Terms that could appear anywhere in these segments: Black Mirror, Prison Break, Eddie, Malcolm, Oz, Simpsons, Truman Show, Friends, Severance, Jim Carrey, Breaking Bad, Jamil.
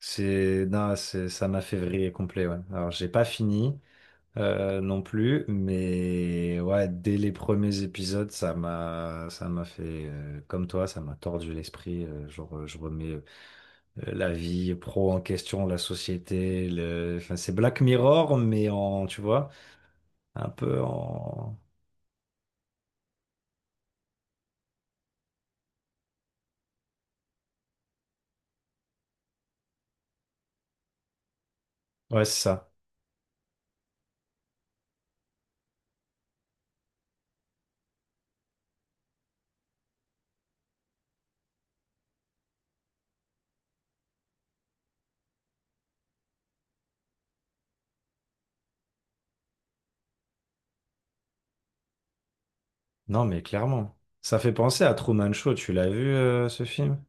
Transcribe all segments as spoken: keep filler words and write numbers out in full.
C'est, non, c'est, ça m'a fait vriller complet, ouais. Alors, j'ai pas fini euh, non plus, mais ouais, dès les premiers épisodes, ça m'a, ça m'a fait, euh, comme toi, ça m'a tordu l'esprit. Euh, genre, euh, je remets euh, la vie pro en question, la société, le enfin, c'est Black Mirror, mais en, tu vois, un peu en Ouais, c'est ça. Non, mais clairement. Ça fait penser à Truman Show, tu l'as vu, euh, ce film?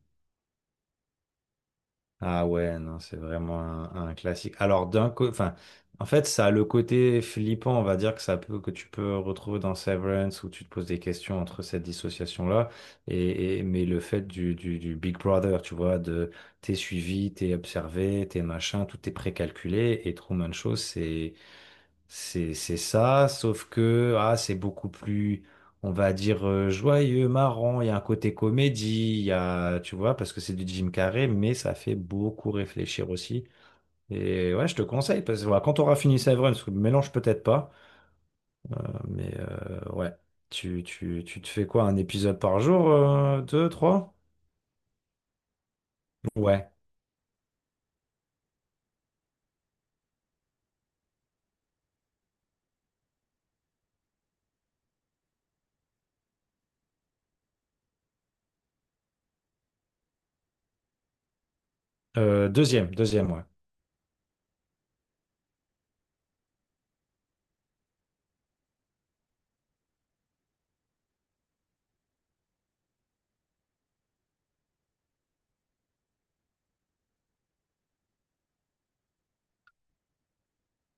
Ah ouais, non, c'est vraiment un, un classique. Alors d'un côté, enfin, en fait, ça a le côté flippant, on va dire que ça peut, que tu peux retrouver dans Severance où tu te poses des questions entre cette dissociation-là et, et- mais le fait du, du, du Big Brother, tu vois, de t'es suivi, t'es observé, t'es machin, tout est précalculé et Truman Show, c'est c'est, c'est ça, sauf que ah, c'est beaucoup plus, on va dire, euh, joyeux, marrant. Il y a un côté comédie, il y a, tu vois, parce que c'est du Jim Carrey, mais ça fait beaucoup réfléchir aussi. Et ouais, je te conseille, parce que voilà, quand tu auras fini Severance, parce que le mélange peut-être pas, mais euh, ouais, tu, tu, tu te fais quoi, un épisode par jour, euh, deux, trois? Ouais, Euh, deuxième, deuxième, ouais.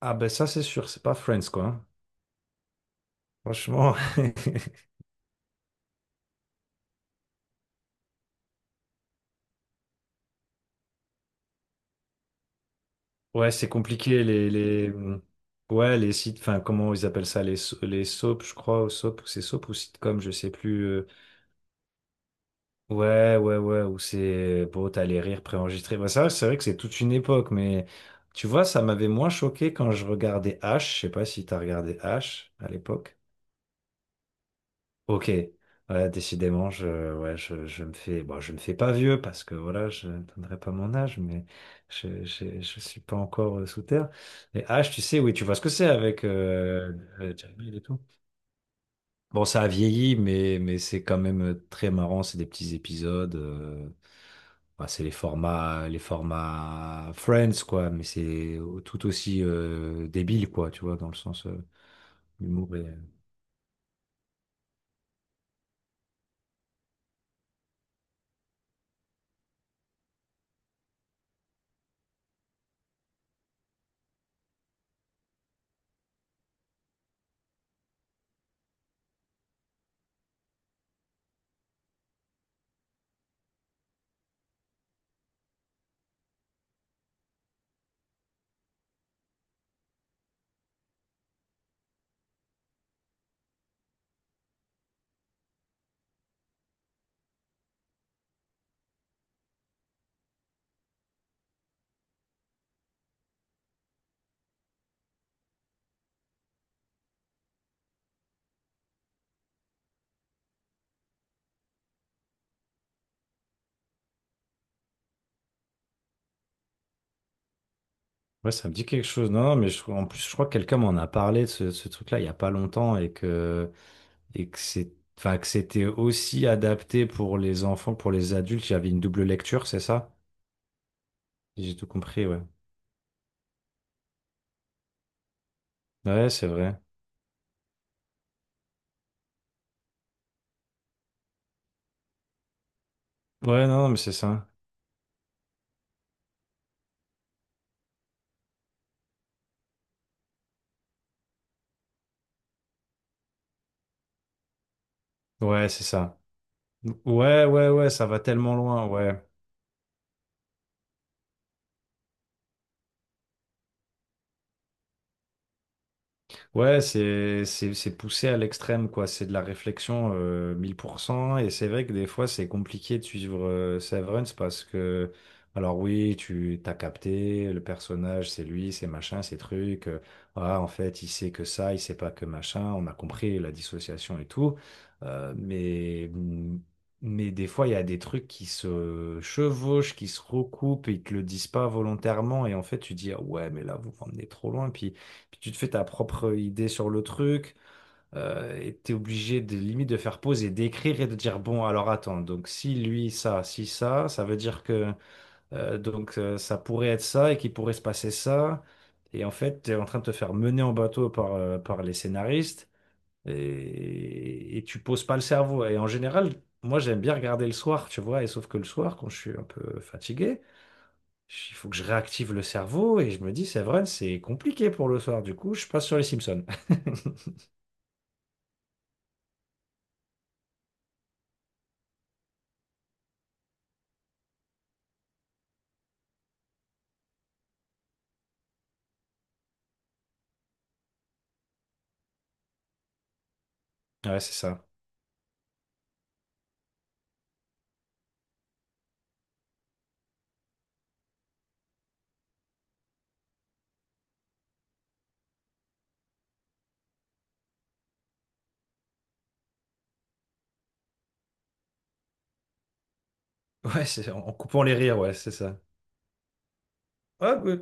Ah ben ça, c'est sûr, c'est pas Friends, quoi, hein. Franchement. Ouais, c'est compliqué les les mmh, ouais les sites enfin comment ils appellent ça les so- les soaps je crois ou soap ou c'est soap ou sitcom je sais plus, euh, ouais ouais ouais ou c'est bon t'as les rires préenregistrés bah ça c'est vrai que c'est toute une époque mais tu vois ça m'avait moins choqué quand je regardais H, je sais pas si t'as regardé H à l'époque. Ok, ouais, décidément, je, ouais, je, je me fais, bon, je me fais pas vieux parce que voilà, je n'atteindrai pas mon âge, mais je, je, je suis pas encore euh, sous terre. Et H, tu sais, oui, tu vois ce que c'est avec euh, euh, Jamil et tout. Bon, ça a vieilli, mais, mais c'est quand même très marrant. C'est des petits épisodes. Euh, bah, c'est les formats, les formats Friends, quoi, mais c'est tout aussi euh, débile, quoi, tu vois, dans le sens euh, humour. Ouais, ça me dit quelque chose. Non, non, mais je- en plus, je crois que quelqu'un m'en a parlé de ce, ce truc-là il y a pas longtemps et que, et que c'est, enfin, que c'était aussi adapté pour les enfants, pour les adultes. Il y avait une double lecture, c'est ça? Si j'ai tout compris, ouais. Ouais, c'est vrai. Ouais, non, non, mais c'est ça. Ouais, c'est ça. Ouais, ouais, ouais, ça va tellement loin, ouais. Ouais, c'est c'est c'est poussé à l'extrême quoi, c'est de la réflexion euh, mille pour cent, et c'est vrai que des fois c'est compliqué de suivre, euh, Severance, parce que alors oui, tu t'as capté le personnage, c'est lui, c'est machin, c'est truc. Euh, ah en fait, il sait que ça, il sait pas que machin, on a compris la dissociation et tout. euh, mais mmh, mais des fois il y a des trucs qui se chevauchent, qui se recoupent et ils te le disent pas volontairement et en fait tu dis ah ouais, mais là vous m'emmenez trop loin, puis puis tu te fais ta propre idée sur le truc. Euh, et t'es obligé de limite de faire pause et d'écrire et de dire bon alors attends donc si lui ça si ça ça veut dire que euh, donc euh, ça pourrait être ça et qu'il pourrait se passer ça, et en fait t'es en train de te faire mener en bateau par, euh, par les scénaristes, et, et tu poses pas le cerveau, et en général moi j'aime bien regarder le soir tu vois, et sauf que le soir quand je suis un peu fatigué il faut que je réactive le cerveau et je me dis, c'est vrai, c'est compliqué pour le soir. Du coup, je passe sur les Simpsons. Ouais, c'est ça. Ouais, c'est en en coupant les rires, ouais, c'est ça. Ah, ouais.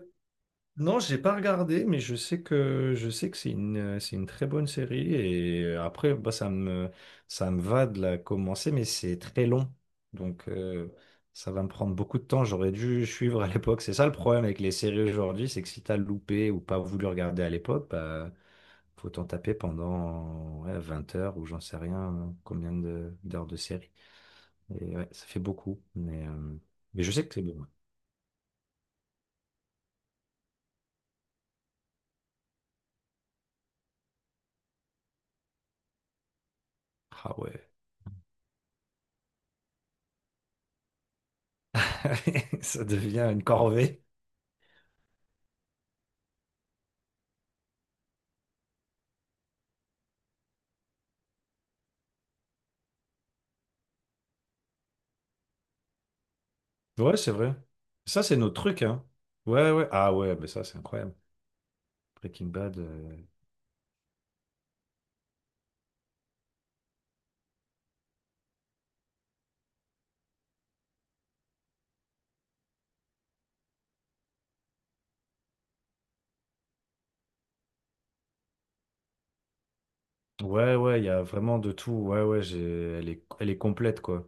Non, j'ai pas regardé, mais je sais que je sais que c'est une, euh, c'est une très bonne série, et euh, après bah ça me ça me va de la commencer, mais c'est très long, donc euh, ça va me prendre beaucoup de temps. J'aurais dû suivre à l'époque. C'est ça le problème avec les séries aujourd'hui, c'est que si t'as loupé ou pas voulu regarder à l'époque, bah, faut t'en taper pendant ouais, vingt heures ou j'en sais rien hein, combien de- d'heures de série. Et ouais, ça fait beaucoup. Mais, euh, mais je sais que c'est bon. Ouais. Ah ouais. Ça devient une corvée. Ouais, c'est vrai. Ça, c'est nos trucs, hein. Ouais, ouais. Ah ouais, mais ça, c'est incroyable. Breaking Bad. euh, Ouais, ouais, il y a vraiment de tout. Ouais, ouais, j'ai Elle est Elle est complète, quoi.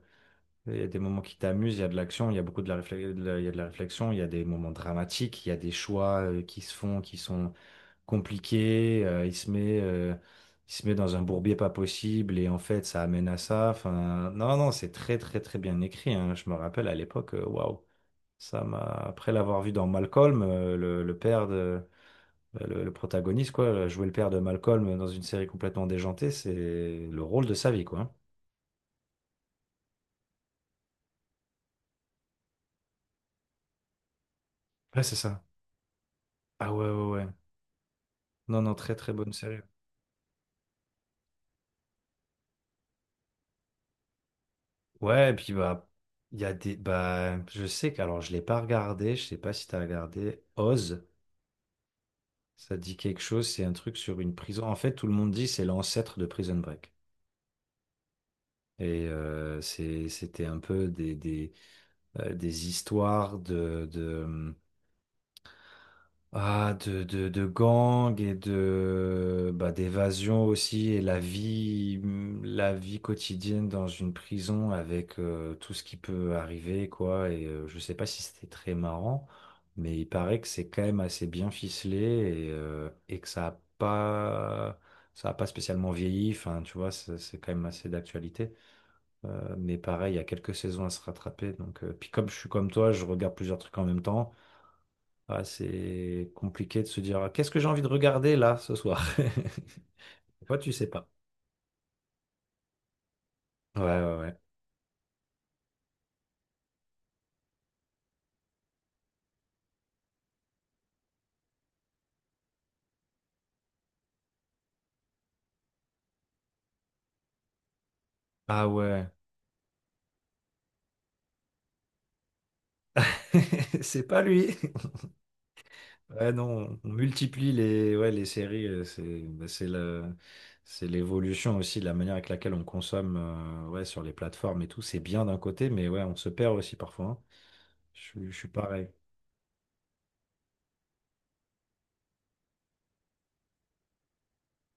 Il y a des moments qui t'amusent, il y a de l'action, il y a beaucoup de la réflexion, il y a de la réflexion, il y a des moments dramatiques, il y a des choix, euh, qui se font, qui sont compliqué, euh, il se met, euh, il se met dans un bourbier pas possible et en fait ça amène à ça. Enfin, non, non, c'est très très très bien écrit, hein. Je me rappelle à l'époque, euh, waouh, ça m'a. Après l'avoir vu dans Malcolm, euh, le, le père de euh, le, le protagoniste quoi, euh, jouer le père de Malcolm dans une série complètement déjantée, c'est le rôle de sa vie quoi. Ouais, c'est ça. Ah ouais ouais ouais. Non non, très très bonne série. Ouais, et puis bah. Il y a des. Bah, je sais que. Alors, je l'ai pas regardé. Je sais pas si tu as regardé Oz. Ça dit quelque chose, c'est un truc sur une prison. En fait, tout le monde dit c'est l'ancêtre de Prison Break. Et euh, c'est- c'était un peu des, des, euh, des histoires de, Ah, de, de, de gang et de bah, d'évasion aussi, et la vie hum, la vie quotidienne dans une prison avec euh, tout ce qui peut arriver quoi, et euh, je sais pas si c'était très marrant, mais il paraît que c'est quand même assez bien ficelé et, euh, et que ça a pas ça a pas spécialement vieilli enfin tu vois c'est c'est quand même assez d'actualité. Euh, mais pareil il y a quelques saisons à se rattraper donc euh, puis comme je suis comme toi je regarde plusieurs trucs en même temps, ah, c'est compliqué de se dire, «Ah, qu'est-ce que j'ai envie de regarder là ce soir?» Toi, tu sais pas. Ouais, ouais, ouais. Ah ouais, c'est pas lui. Ouais, non, on multiplie les, ouais, les séries. euh, C'est bah, c'est le- c'est l'évolution aussi de la manière avec laquelle on consomme euh, ouais, sur les plateformes et tout. C'est bien d'un côté, mais ouais, on se perd aussi parfois, hein. Je, suis je suis pareil.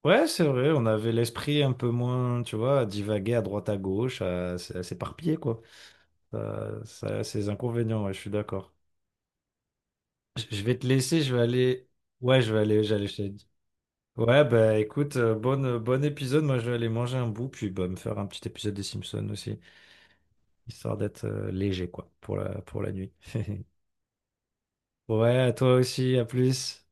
Ouais, c'est vrai, on avait l'esprit un peu moins, tu vois, à divaguer à droite à gauche, à, s- à s'éparpiller, quoi. Ça, ça a ses inconvénients, ouais, je suis d'accord. Je je vais te laisser, je vais aller. Ouais, je vais aller, j'allais chez Eddie. Ouais, bah écoute, euh, bonne, euh, bon épisode. Moi, je vais aller manger un bout, puis bah, me faire un petit épisode des Simpsons aussi, histoire d'être euh, léger, quoi, pour la, pour la nuit. Ouais, à toi aussi, à plus.